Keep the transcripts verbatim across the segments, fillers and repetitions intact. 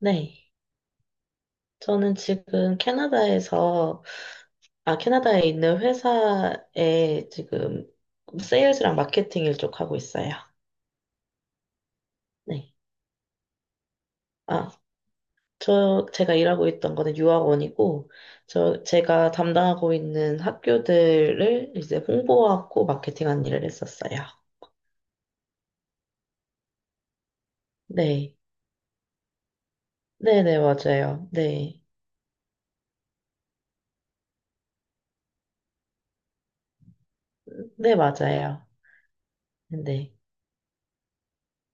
네. 저는 지금 캐나다에서, 아, 캐나다에 있는 회사에 지금 세일즈랑 마케팅 일 쪽 하고 있어요. 네. 아, 저, 제가 일하고 있던 거는 유학원이고, 저, 제가 담당하고 있는 학교들을 이제 홍보하고 마케팅한 일을 했었어요. 네. 네네, 맞아요. 네. 네, 맞아요. 네.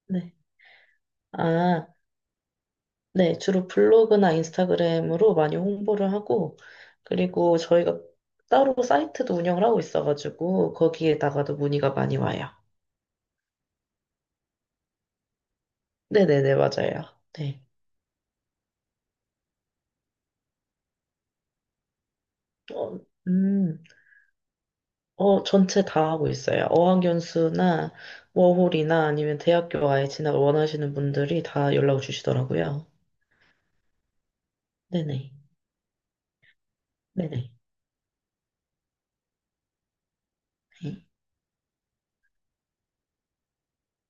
네. 아, 네, 주로 블로그나 인스타그램으로 많이 홍보를 하고, 그리고 저희가 따로 사이트도 운영을 하고 있어가지고, 거기에다가도 문의가 많이 와요. 네네네, 맞아요. 네. 어, 음, 어, 전체 다 하고 있어요. 어학연수나 워홀이나 아니면 대학교 아예 진학 원하시는 분들이 다 연락을 주시더라고요. 네네. 네네. 네.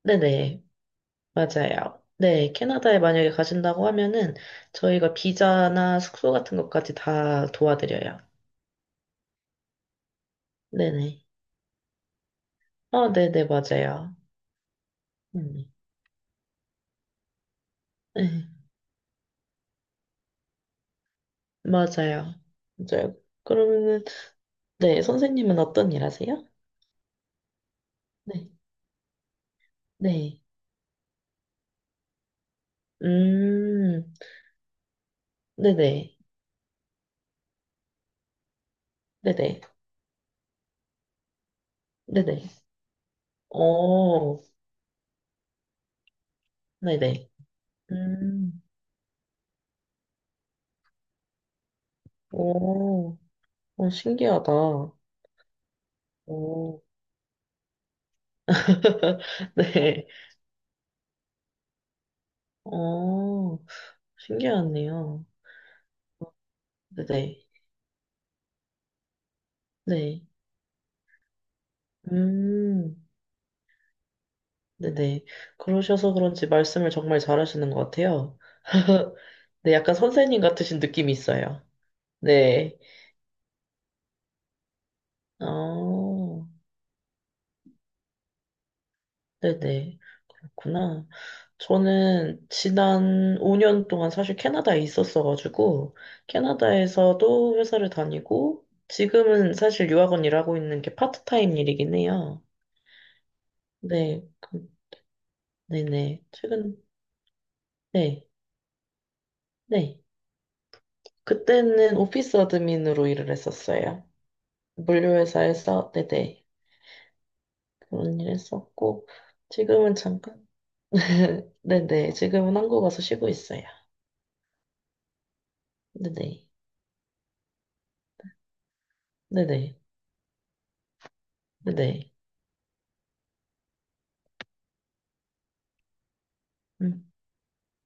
네네. 맞아요. 네, 캐나다에 만약에 가신다고 하면은 저희가 비자나 숙소 같은 것까지 다 도와드려요. 네네. 아, 네네, 맞아요. 음, 네, 맞아요. 맞아요. 그러면은, 네, 선생님은 어떤 일 하세요? 네, 네. 음, 네네, 네네, 네네. 오, 네네. 음, 오, 오 신기하다. 오, 네. 오, 신기하네요. 네네. 네. 음, 네네. 그러셔서 그런지 말씀을 정말 잘하시는 것 같아요. 네, 약간 선생님 같으신 느낌이 있어요. 네. 어, 네네. 그렇구나. 저는 지난 오 년 동안 사실 캐나다에 있었어가지고, 캐나다에서도 회사를 다니고, 지금은 사실 유학원 일하고 있는 게 파트타임 일이긴 해요. 네. 그- 네네. 최근, 네. 네. 그때는 오피스 어드민으로 일을 했었어요. 물류회사에서, 네네. 그런 일 했었고, 지금은 잠깐, 네네. 지금은 한국 와서 쉬고 있어요. 네네. 네네. 네네. 음.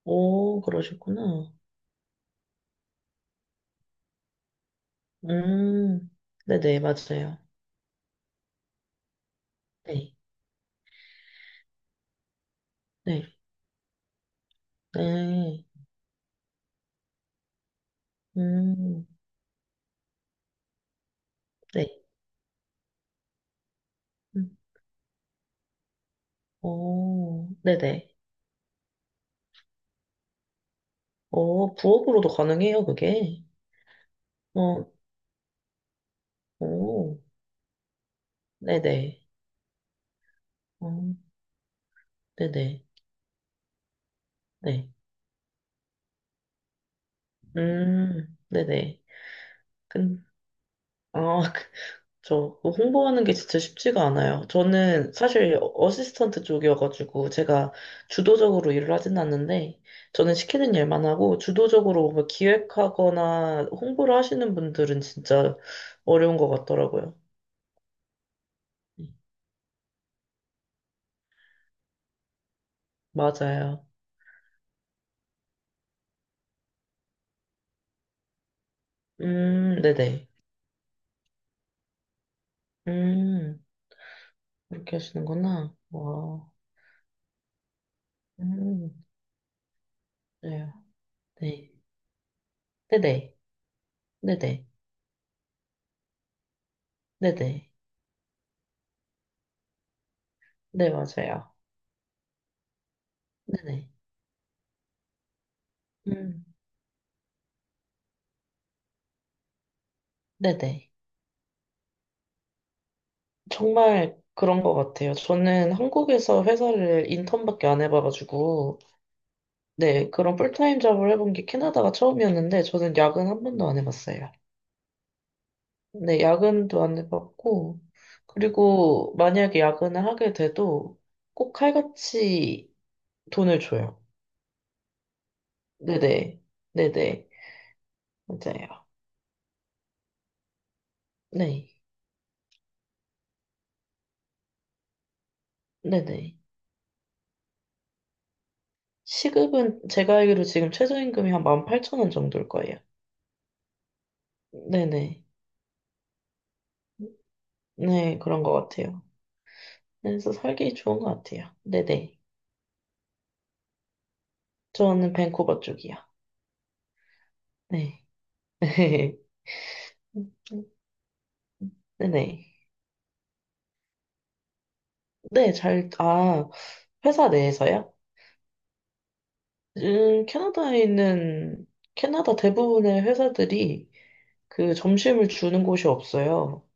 오, 그러셨구나. 음, 네네. 맞아요. 네. 네. 네. 음, 네. 음. 오, 네네. 오, 부업으로도 가능해요, 그게. 어, 오, 네네. 어, 네네. 네. 음, 네네. 근, 아, 그- 저, 그거 홍보하는 게 진짜 쉽지가 않아요. 저는 사실 어시스턴트 쪽이어가지고 제가 주도적으로 일을 하진 않는데 저는 시키는 일만 하고 주도적으로 뭐 기획하거나 홍보를 하시는 분들은 진짜 어려운 것 같더라고요. 맞아요. 음, 네네. 음, 그렇게 하시는구나. 와, 음, 그래요. 네. 네네. 네네. 네네. 네, 맞아요. 네네. 음. 네네. 정말 그런 것 같아요. 저는 한국에서 회사를 인턴밖에 안 해봐가지고, 네, 그런 풀타임 잡을 해본 게 캐나다가 처음이었는데, 저는 야근 한 번도 안 해봤어요. 네, 야근도 안 해봤고, 그리고 만약에 야근을 하게 돼도 꼭 칼같이 돈을 줘요. 네네, 네네, 맞아요. 네, 네네. 시급은 제가 알기로 지금 최저임금이 한 만 팔천 원 정도일 거예요. 네네. 네, 그런 것 같아요. 그래서 살기 좋은 것 같아요. 네네. 저는 밴쿠버 쪽이요. 네. 네네. 네, 잘, 아, 회사 내에서요? 음, 캐나다에 있는, 캐나다 대부분의 회사들이 그 점심을 주는 곳이 없어요.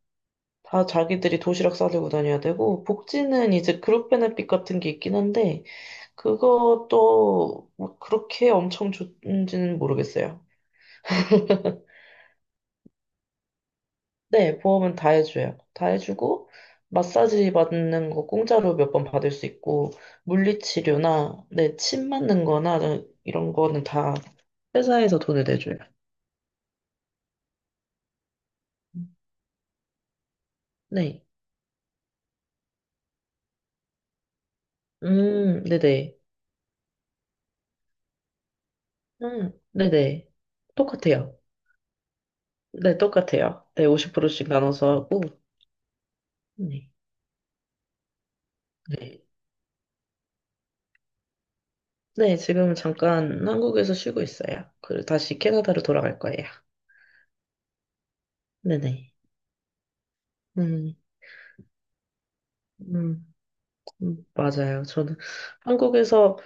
다 자기들이 도시락 싸들고 다녀야 되고, 복지는 이제 그룹 베네핏 같은 게 있긴 한데, 그것도 뭐 그렇게 엄청 좋은지는 모르겠어요. 네, 보험은 다 해줘요. 다 해주고, 마사지 받는 거 공짜로 몇 번 받을 수 있고, 물리치료나, 네, 침 맞는 거나, 이런 거는 다 회사에서 돈을 내줘요. 네. 음, 네네. 음, 네네. 똑같아요. 네, 똑같아요. 네, 오십 프로씩 나눠서 하고, 네. 네. 네, 지금 잠깐 한국에서 쉬고 있어요. 그리고 다시 캐나다로 돌아갈 거예요. 네네. 음, 음, 음, 맞아요. 저는 한국에서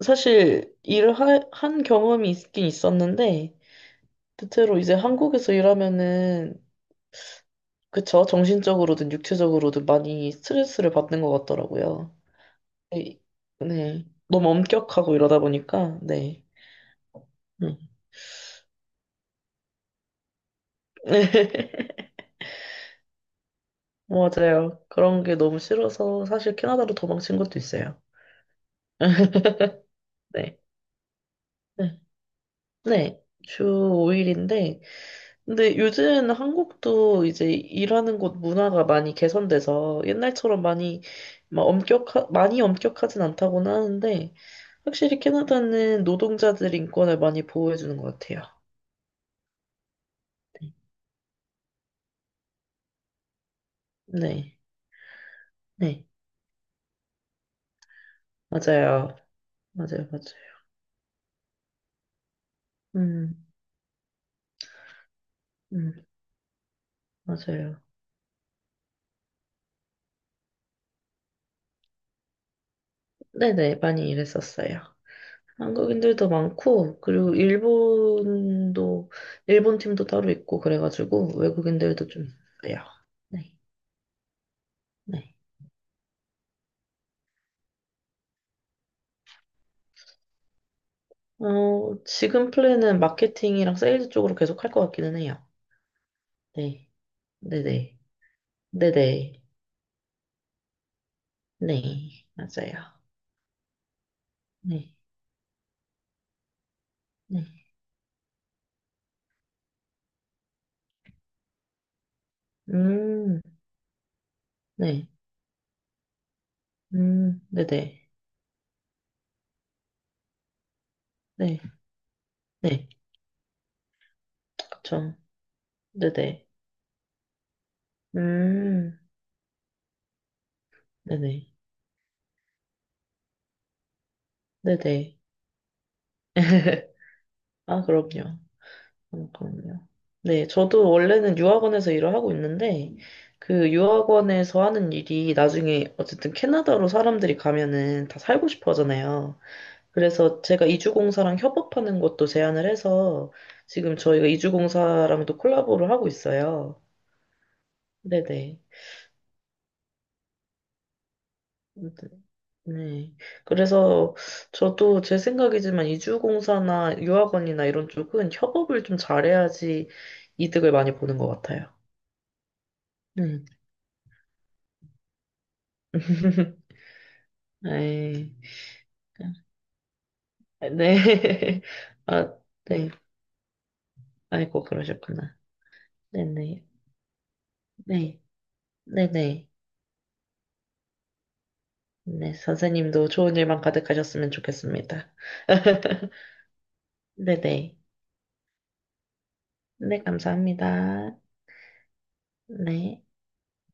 사실 일을 하, 한 경험이 있긴 있었는데 대체로 이제 한국에서 일하면은 그쵸 정신적으로든 육체적으로든 많이 스트레스를 받는 것 같더라고요. 네, 네. 너무 엄격하고 이러다 보니까 네. 음. 맞아요. 그런 게 너무 싫어서 사실 캐나다로 도망친 것도 있어요. 네. 네. 네. 주 오 일인데 근데 요즘 한국도 이제 일하는 곳 문화가 많이 개선돼서 옛날처럼 많이 막 엄격하, 많이 엄격하진 않다고는 하는데 확실히 캐나다는 노동자들 인권을 많이 보호해주는 것 같아요. 네, 네, 맞아요. 맞아요, 맞아요. 음, 음, 맞아요. 네네, 많이 일했었어요. 한국인들도 많고, 그리고 일본도, 일본 팀도 따로 있고, 그래가지고 외국인들도 좀 있어요. 네, 네. 어, 지금 플랜은 마케팅이랑 세일즈 쪽으로 계속 할 것 같기는 해요. 네. 네네. 네네. 네. 맞아요. 네. 네. 음, 네. 음, 네네. 네. 네. 그쵸. 네네. 음, 네네. 네네. 아, 그럼요. 음, 그럼요. 네. 저도 원래는 유학원에서 일을 하고 있는데, 그 유학원에서 하는 일이 나중에 어쨌든 캐나다로 사람들이 가면은 다 살고 싶어 하잖아요. 그래서 제가 이주공사랑 협업하는 것도 제안을 해서 지금 저희가 이주공사랑도 콜라보를 하고 있어요. 네네. 네. 그래서 저도 제 생각이지만 이주공사나 유학원이나 이런 쪽은 협업을 좀 잘해야지 이득을 많이 보는 것 같아요. 음. 네. 네. 아, 네. 아이고, 그러셨구나. 네네. 네. 네네. 네, 선생님도 좋은 일만 가득하셨으면 좋겠습니다. 네네. 네, 감사합니다. 네.